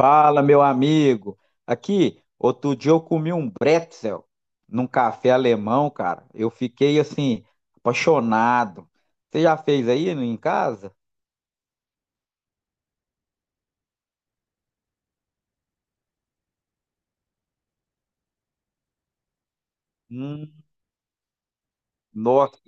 Fala, meu amigo. Aqui, outro dia eu comi um bretzel num café alemão, cara. Eu fiquei assim, apaixonado. Você já fez aí em casa? Hum, nossa,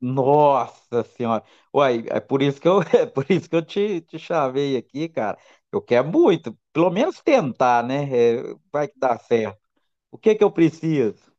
nossa senhora. Uai, é por isso que é por isso que eu te chavei aqui, cara. Eu quero muito, pelo menos tentar, né? É, vai que dá certo. O que que eu preciso?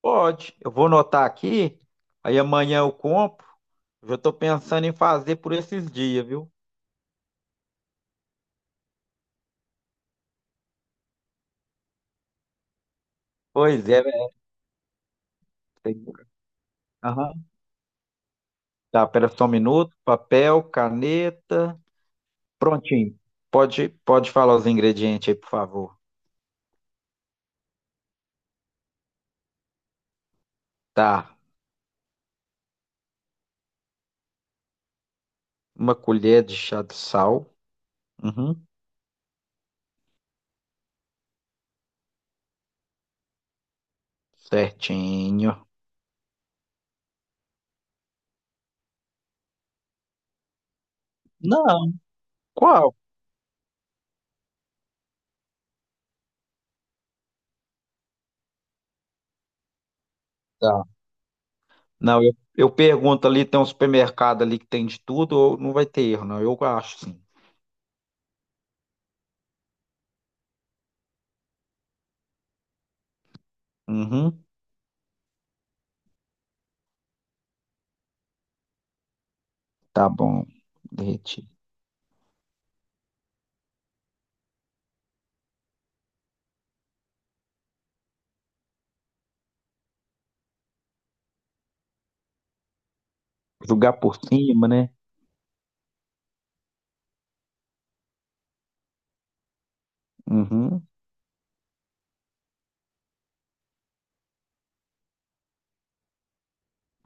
Pode, eu vou anotar aqui, aí amanhã eu compro. Eu já tô pensando em fazer por esses dias, viu? Pois é, velho. Tem- aham. Tá, pera só um minuto. Papel, caneta. Prontinho. Pode falar os ingredientes aí, por favor. Tá. Uma colher de chá de sal. Uhum. Certinho. Não. Qual? Tá. Não, eu pergunto ali, tem um supermercado ali que tem de tudo, ou não vai ter erro, não. Eu acho, sim. Uhum. Tá bom. Derretido. Jogar por cima, né? Uhum.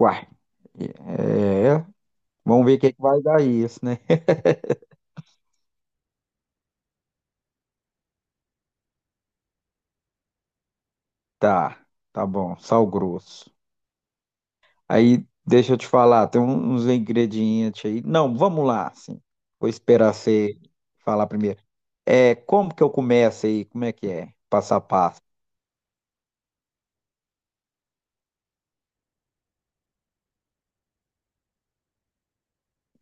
Uai. É, vamos ver o que que vai dar isso, né? Tá, tá bom, sal grosso. Aí, deixa eu te falar, tem uns ingredientes aí. Não, vamos lá, assim. Vou esperar você falar primeiro. É, como que eu começo aí? Como é que é? Passo a passo.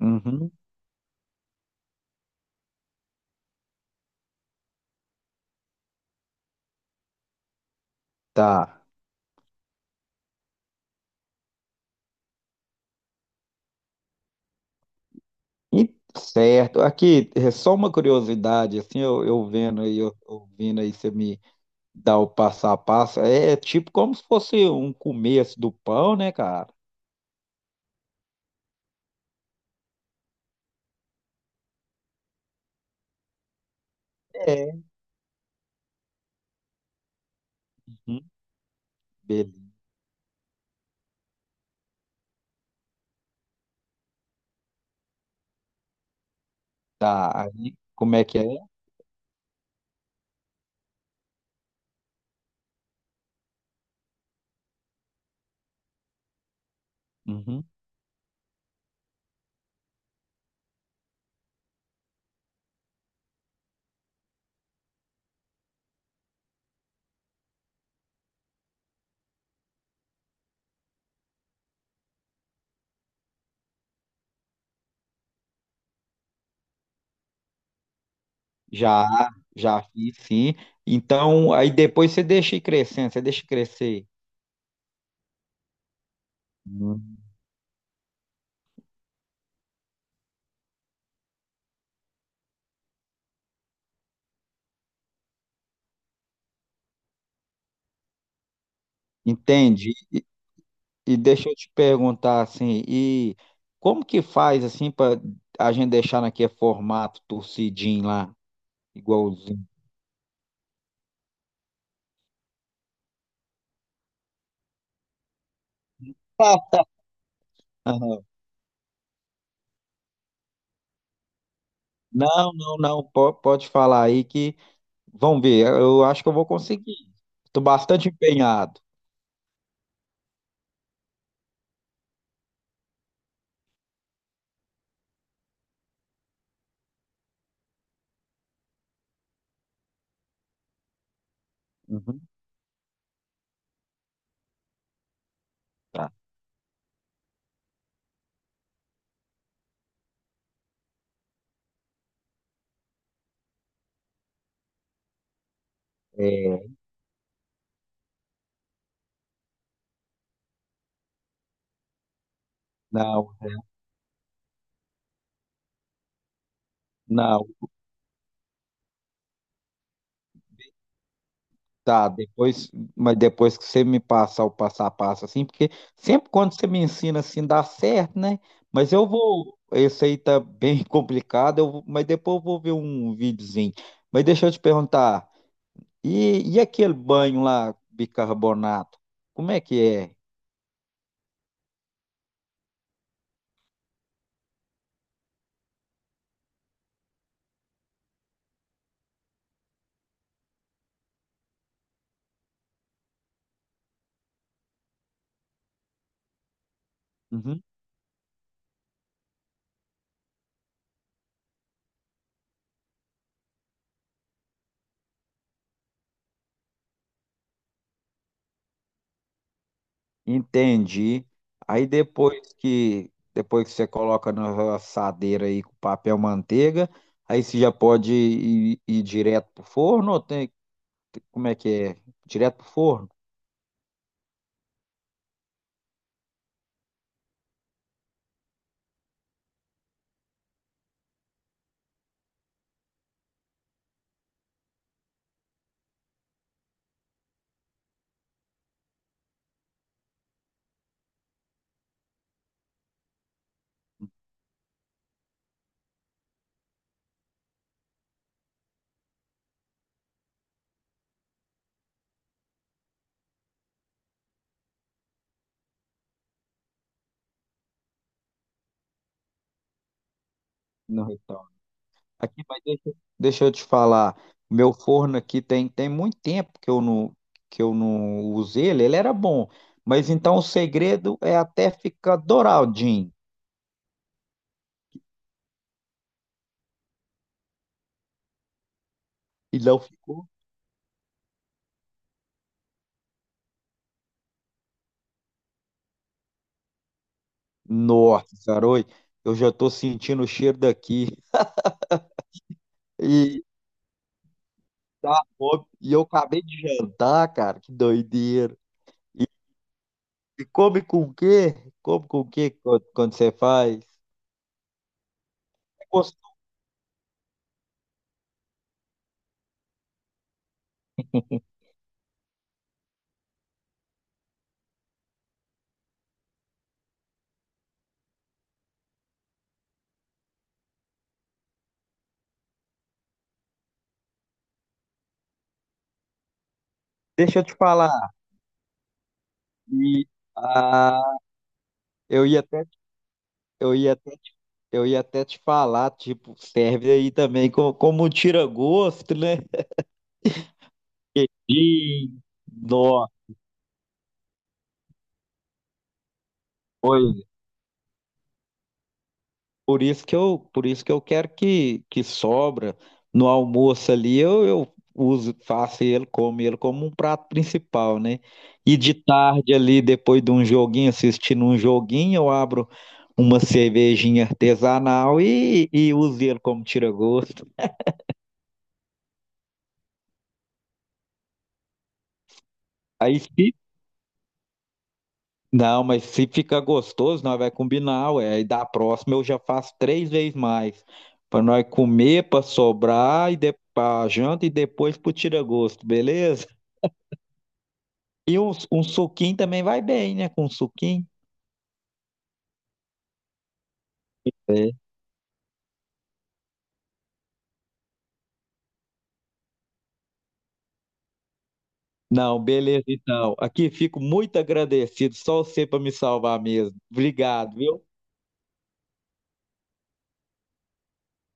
Uhum, tá. E, certo. Aqui, é só uma curiosidade, assim, eu vendo aí, ouvindo aí você me dá o passo a passo. É, é tipo como se fosse um começo do pão, né, cara? É. Uhum. Tá, aí como é que é? Uhum. Já, já fiz, sim. Então, aí depois você deixa ir crescendo, você deixa crescer. Uhum. Entende? E deixa eu te perguntar assim, e como que faz assim para a gente deixar naquele formato torcidinho lá, igualzinho? Ah, não, não, não, pode falar aí que vamos ver, eu acho que eu vou conseguir. Estou bastante empenhado. Uhum. Tá. É, não, não. Tá, depois, mas depois que você me passar o passo a passo, assim, porque sempre quando você me ensina assim dá certo, né? Mas eu vou, esse aí tá bem complicado, mas depois eu vou ver um videozinho. Mas deixa eu te perguntar, e aquele banho lá, bicarbonato, como é que é? Uhum. Entendi. Aí depois que você coloca na assadeira aí com papel manteiga, aí você já pode ir, ir direto pro forno ou tem como é que é? Direto pro forno? No restaurante. Aqui, deixa eu te falar. Meu forno aqui tem muito tempo que eu não usei ele. Ele era bom. Mas então o segredo é até ficar douradinho. E não ficou? Nossa, garoto. Eu já tô sentindo o cheiro daqui. E, tá, bom, e eu acabei de jantar, cara. Que doideira. E come com o quê? Come com o quê quando você faz? É gostoso. Deixa eu te falar. E, Eu ia até, eu ia até, eu ia até te falar, tipo, serve aí também como um tira-gosto, né? E nó, pois é, por isso que por isso que eu quero que sobra no almoço ali, eu uso, faço ele como um prato principal, né? E de tarde ali, depois de um joguinho, assistindo um joguinho, eu abro uma cervejinha artesanal e uso ele como tira-gosto. Aí, se não, mas se ficar gostoso, nós vai combinar, ué. E da próxima eu já faço três vezes mais. Pra nós comer, pra sobrar, e de... pra janta e depois pro tira-gosto, beleza? E um suquinho também vai bem, né? Com um suquinho. É. Não, beleza então. Aqui fico muito agradecido, só você pra me salvar mesmo. Obrigado, viu?